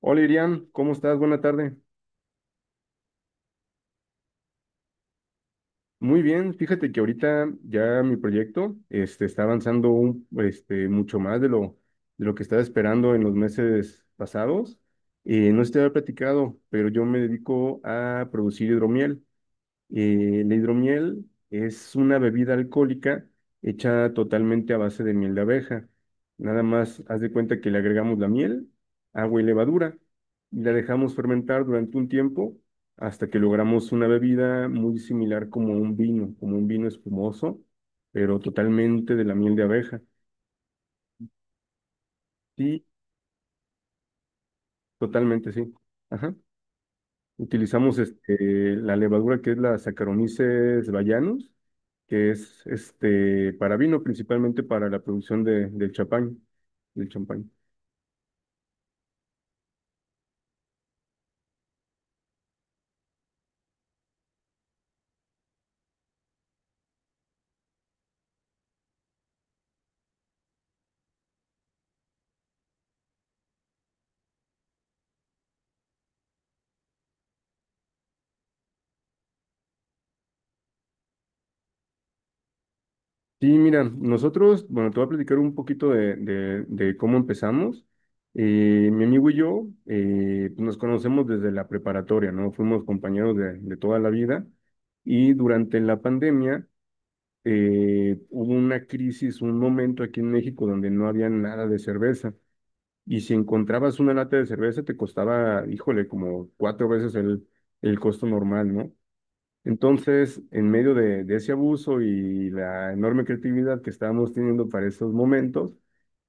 Hola Iriam, ¿cómo estás? Buena tarde. Muy bien, fíjate que ahorita ya mi proyecto está avanzando mucho más de lo que estaba esperando en los meses pasados. No sé si te había platicado, pero yo me dedico a producir hidromiel. La hidromiel es una bebida alcohólica hecha totalmente a base de miel de abeja. Nada más haz de cuenta que le agregamos la miel, agua y levadura y la dejamos fermentar durante un tiempo hasta que logramos una bebida muy similar como un vino espumoso, pero totalmente de la miel de abeja. Sí, totalmente sí. Ajá. Utilizamos la levadura que es la Saccharomyces bayanus, que es para vino, principalmente para la producción del champán. Sí, mira, nosotros, bueno, te voy a platicar un poquito de cómo empezamos. Mi amigo y yo nos conocemos desde la preparatoria, ¿no? Fuimos compañeros de toda la vida y durante la pandemia hubo una crisis, un momento aquí en México donde no había nada de cerveza. Y si encontrabas una lata de cerveza, te costaba, híjole, como cuatro veces el costo normal, ¿no? Entonces, en medio de ese abuso y la enorme creatividad que estábamos teniendo para esos momentos,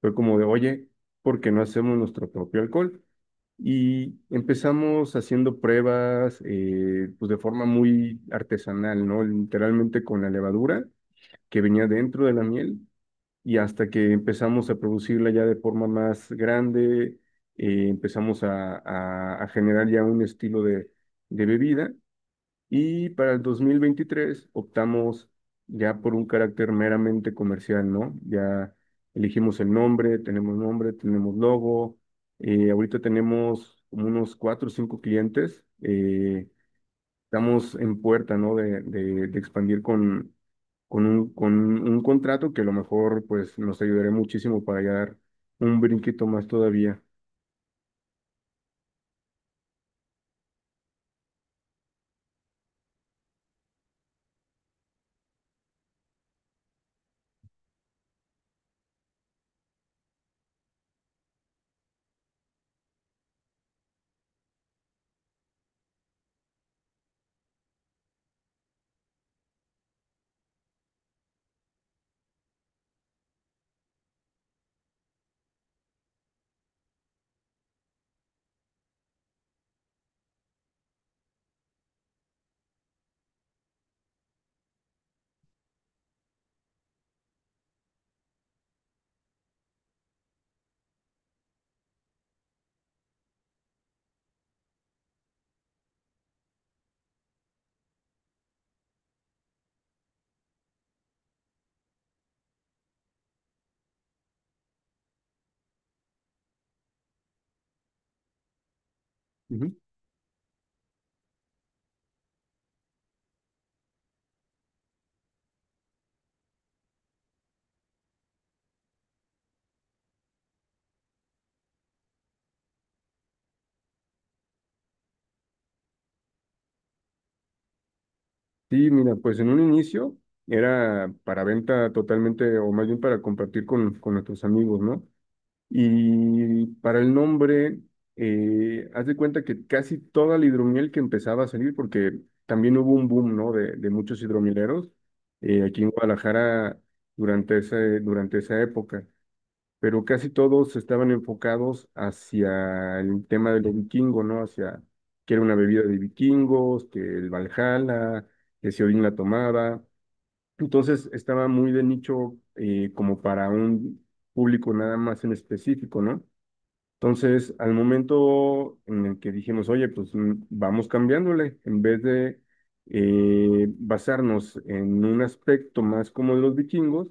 fue como de, oye, ¿por qué no hacemos nuestro propio alcohol? Y empezamos haciendo pruebas, pues de forma muy artesanal, ¿no? Literalmente con la levadura que venía dentro de la miel y hasta que empezamos a producirla ya de forma más grande, empezamos a generar ya un estilo de bebida, y para el 2023 optamos ya por un carácter meramente comercial, ¿no? Ya elegimos el nombre, tenemos logo, ahorita tenemos como unos cuatro o cinco clientes. Estamos en puerta, ¿no? De expandir con un contrato que a lo mejor pues nos ayudará muchísimo para ya dar un brinquito más todavía. Ujú. Sí, mira, pues en un inicio era para venta totalmente, o más bien para compartir con nuestros amigos, ¿no? Y para el nombre, haz de cuenta que casi toda la hidromiel que empezaba a salir, porque también hubo un boom, ¿no? De muchos hidromieleros aquí en Guadalajara durante esa época. Pero casi todos estaban enfocados hacia el tema de lo vikingo, ¿no? Hacia que era una bebida de vikingos, que el Valhalla, que si Odín la tomaba. Entonces estaba muy de nicho como para un público nada más en específico, ¿no? Entonces, al momento en el que dijimos, oye, pues vamos cambiándole, en vez de basarnos en un aspecto más como los vikingos,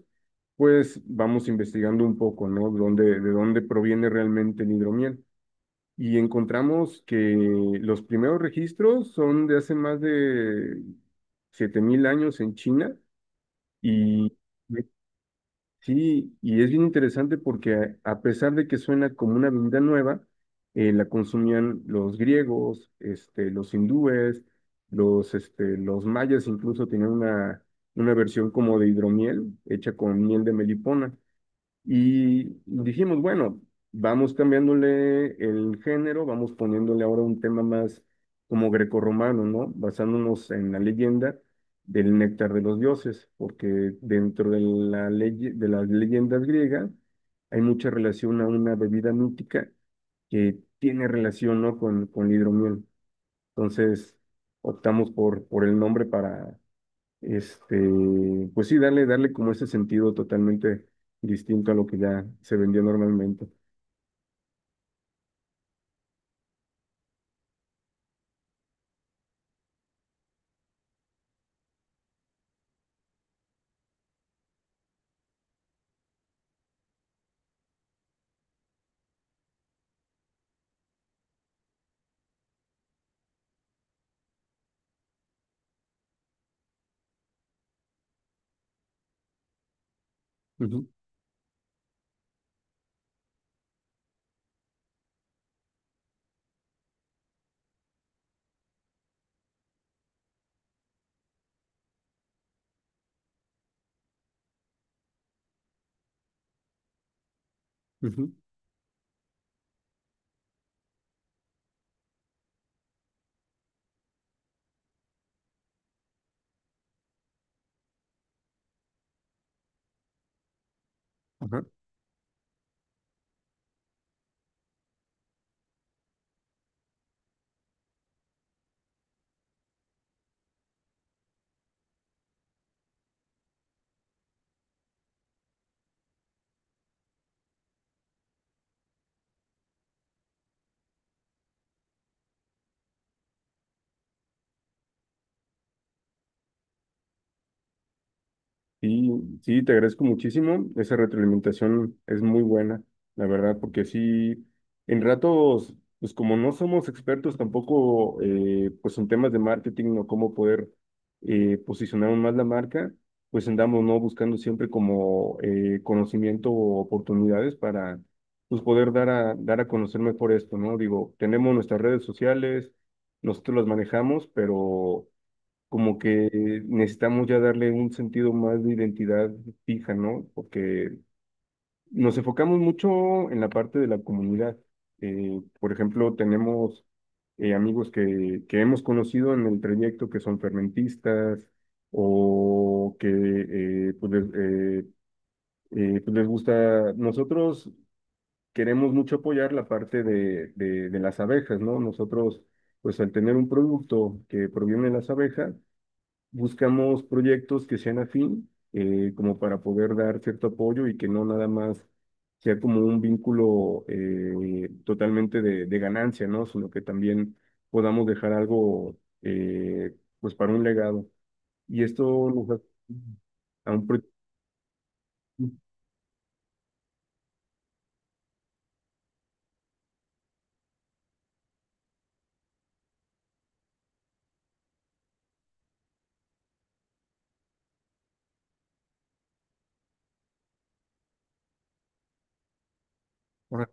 pues vamos investigando un poco, ¿no? De dónde proviene realmente el hidromiel. Y encontramos que los primeros registros son de hace más de 7000 años en China y Mm. Sí, y es bien interesante porque a pesar de que suena como una bebida nueva, la consumían los griegos, los hindúes, los mayas incluso tenían una versión como de hidromiel hecha con miel de melipona. Y dijimos, bueno, vamos cambiándole el género, vamos poniéndole ahora un tema más como grecorromano, ¿no? Basándonos en la leyenda del néctar de los dioses, porque dentro de las leyendas griegas hay mucha relación a una bebida mítica que tiene relación, ¿no? con la hidromiel. Entonces, optamos por el nombre para este, pues sí, darle como ese sentido totalmente distinto a lo que ya se vendía normalmente. Ujú, ujú, ajá. Sí, sí, te agradezco muchísimo. Esa retroalimentación es muy buena, la verdad, porque sí, en ratos, pues como no somos expertos tampoco, pues en temas de marketing o cómo poder posicionar aún más la marca, pues andamos, ¿no? Buscando siempre como conocimiento o oportunidades para, pues poder dar a conocer mejor esto, ¿no? Digo, tenemos nuestras redes sociales, nosotros las manejamos, pero como que necesitamos ya darle un sentido más de identidad fija, ¿no? Porque nos enfocamos mucho en la parte de la comunidad. Por ejemplo, tenemos amigos que hemos conocido en el trayecto que son fermentistas o que pues, pues les gusta. Nosotros queremos mucho apoyar la parte de las abejas, ¿no? Nosotros, pues al tener un producto que proviene de las abejas, buscamos proyectos que sean afín, como para poder dar cierto apoyo y que no nada más sea como un vínculo totalmente de ganancia, ¿no? Sino que también podamos dejar algo, pues, para un legado. Y esto nos ha- a un pro- Ahora,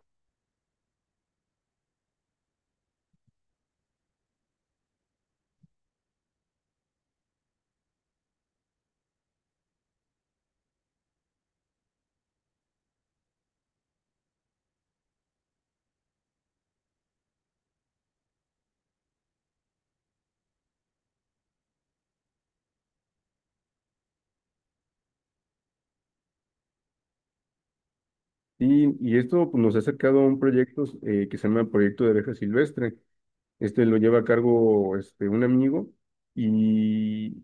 y esto pues, nos ha acercado a un proyecto que se llama Proyecto de Abeja Silvestre. Este lo lleva a cargo un amigo y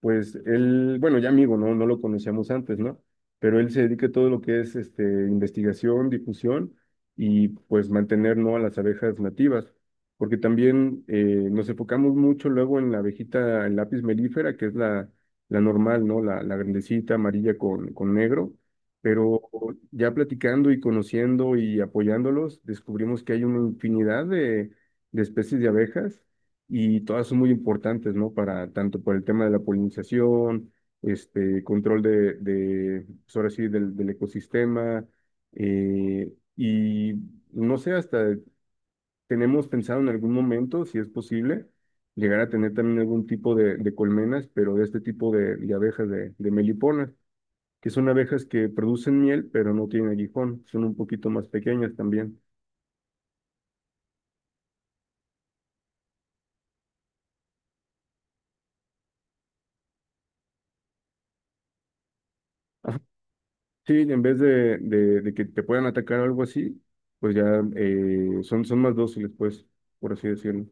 pues él, bueno, ya amigo, ¿no? No lo conocíamos antes, ¿no? Pero él se dedica a todo lo que es investigación, difusión y pues mantener, ¿no? A las abejas nativas, porque también nos enfocamos mucho luego en la abejita, el lápiz melífera, que es la normal, ¿no? La grandecita amarilla con negro, pero ya platicando y conociendo y apoyándolos, descubrimos que hay una infinidad de especies de abejas y todas son muy importantes, ¿no? Para tanto por el tema de la polinización, control de pues ahora sí, del ecosistema, y no sé, hasta tenemos pensado en algún momento, si es posible, llegar a tener también algún tipo de colmenas, pero de este tipo de abejas de meliponas, que son abejas que producen miel, pero no tienen aguijón, son un poquito más pequeñas también. Sí, en vez de que te puedan atacar o algo así, pues ya son más dóciles, pues, por así decirlo.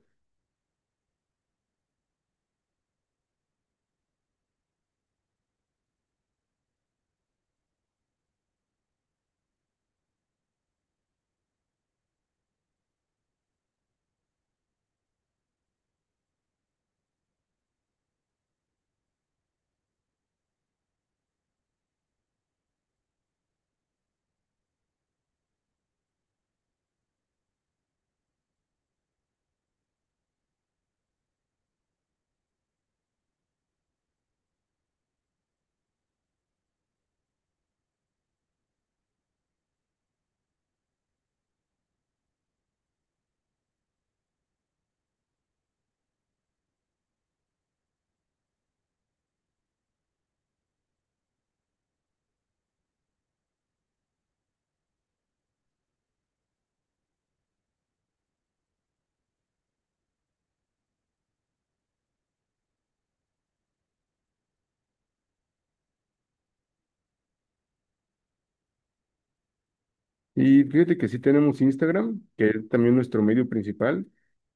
Y fíjate que sí tenemos Instagram, que es también nuestro medio principal.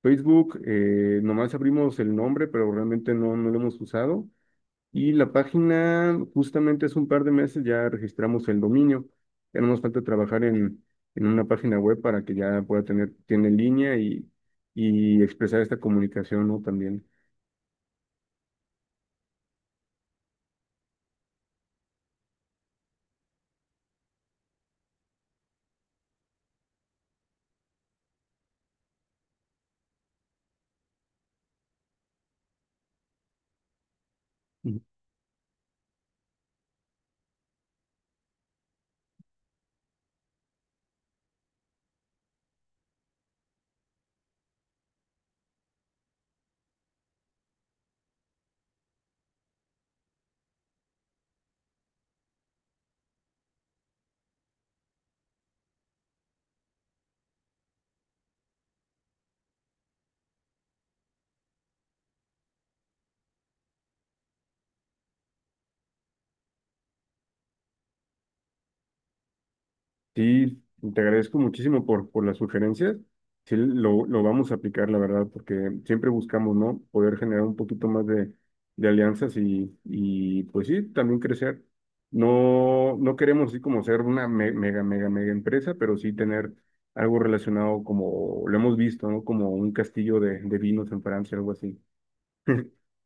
Facebook, nomás abrimos el nombre, pero realmente no, no lo hemos usado. Y la página, justamente hace un par de meses ya registramos el dominio. Ya no nos falta trabajar en una página web para que ya pueda tener, tiene línea y expresar esta comunicación, ¿no? También. Sí, te agradezco muchísimo por las sugerencias. Sí, lo vamos a aplicar, la verdad, porque siempre buscamos, ¿no? Poder generar un poquito más de alianzas y, pues sí, también crecer. No, no queremos así como ser una mega, mega, mega empresa, pero sí tener algo relacionado como lo hemos visto, ¿no? Como un castillo de vinos en Francia, algo así.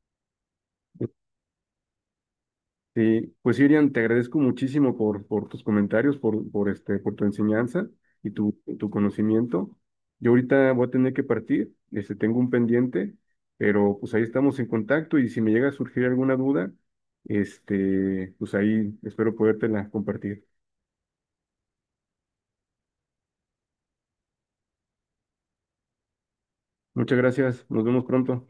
Sí, pues sí, Irian, te agradezco muchísimo por tus comentarios, por tu enseñanza y tu conocimiento. Yo ahorita voy a tener que partir, tengo un pendiente, pero pues ahí estamos en contacto y si me llega a surgir alguna duda, pues ahí espero podértela compartir. Muchas gracias, nos vemos pronto.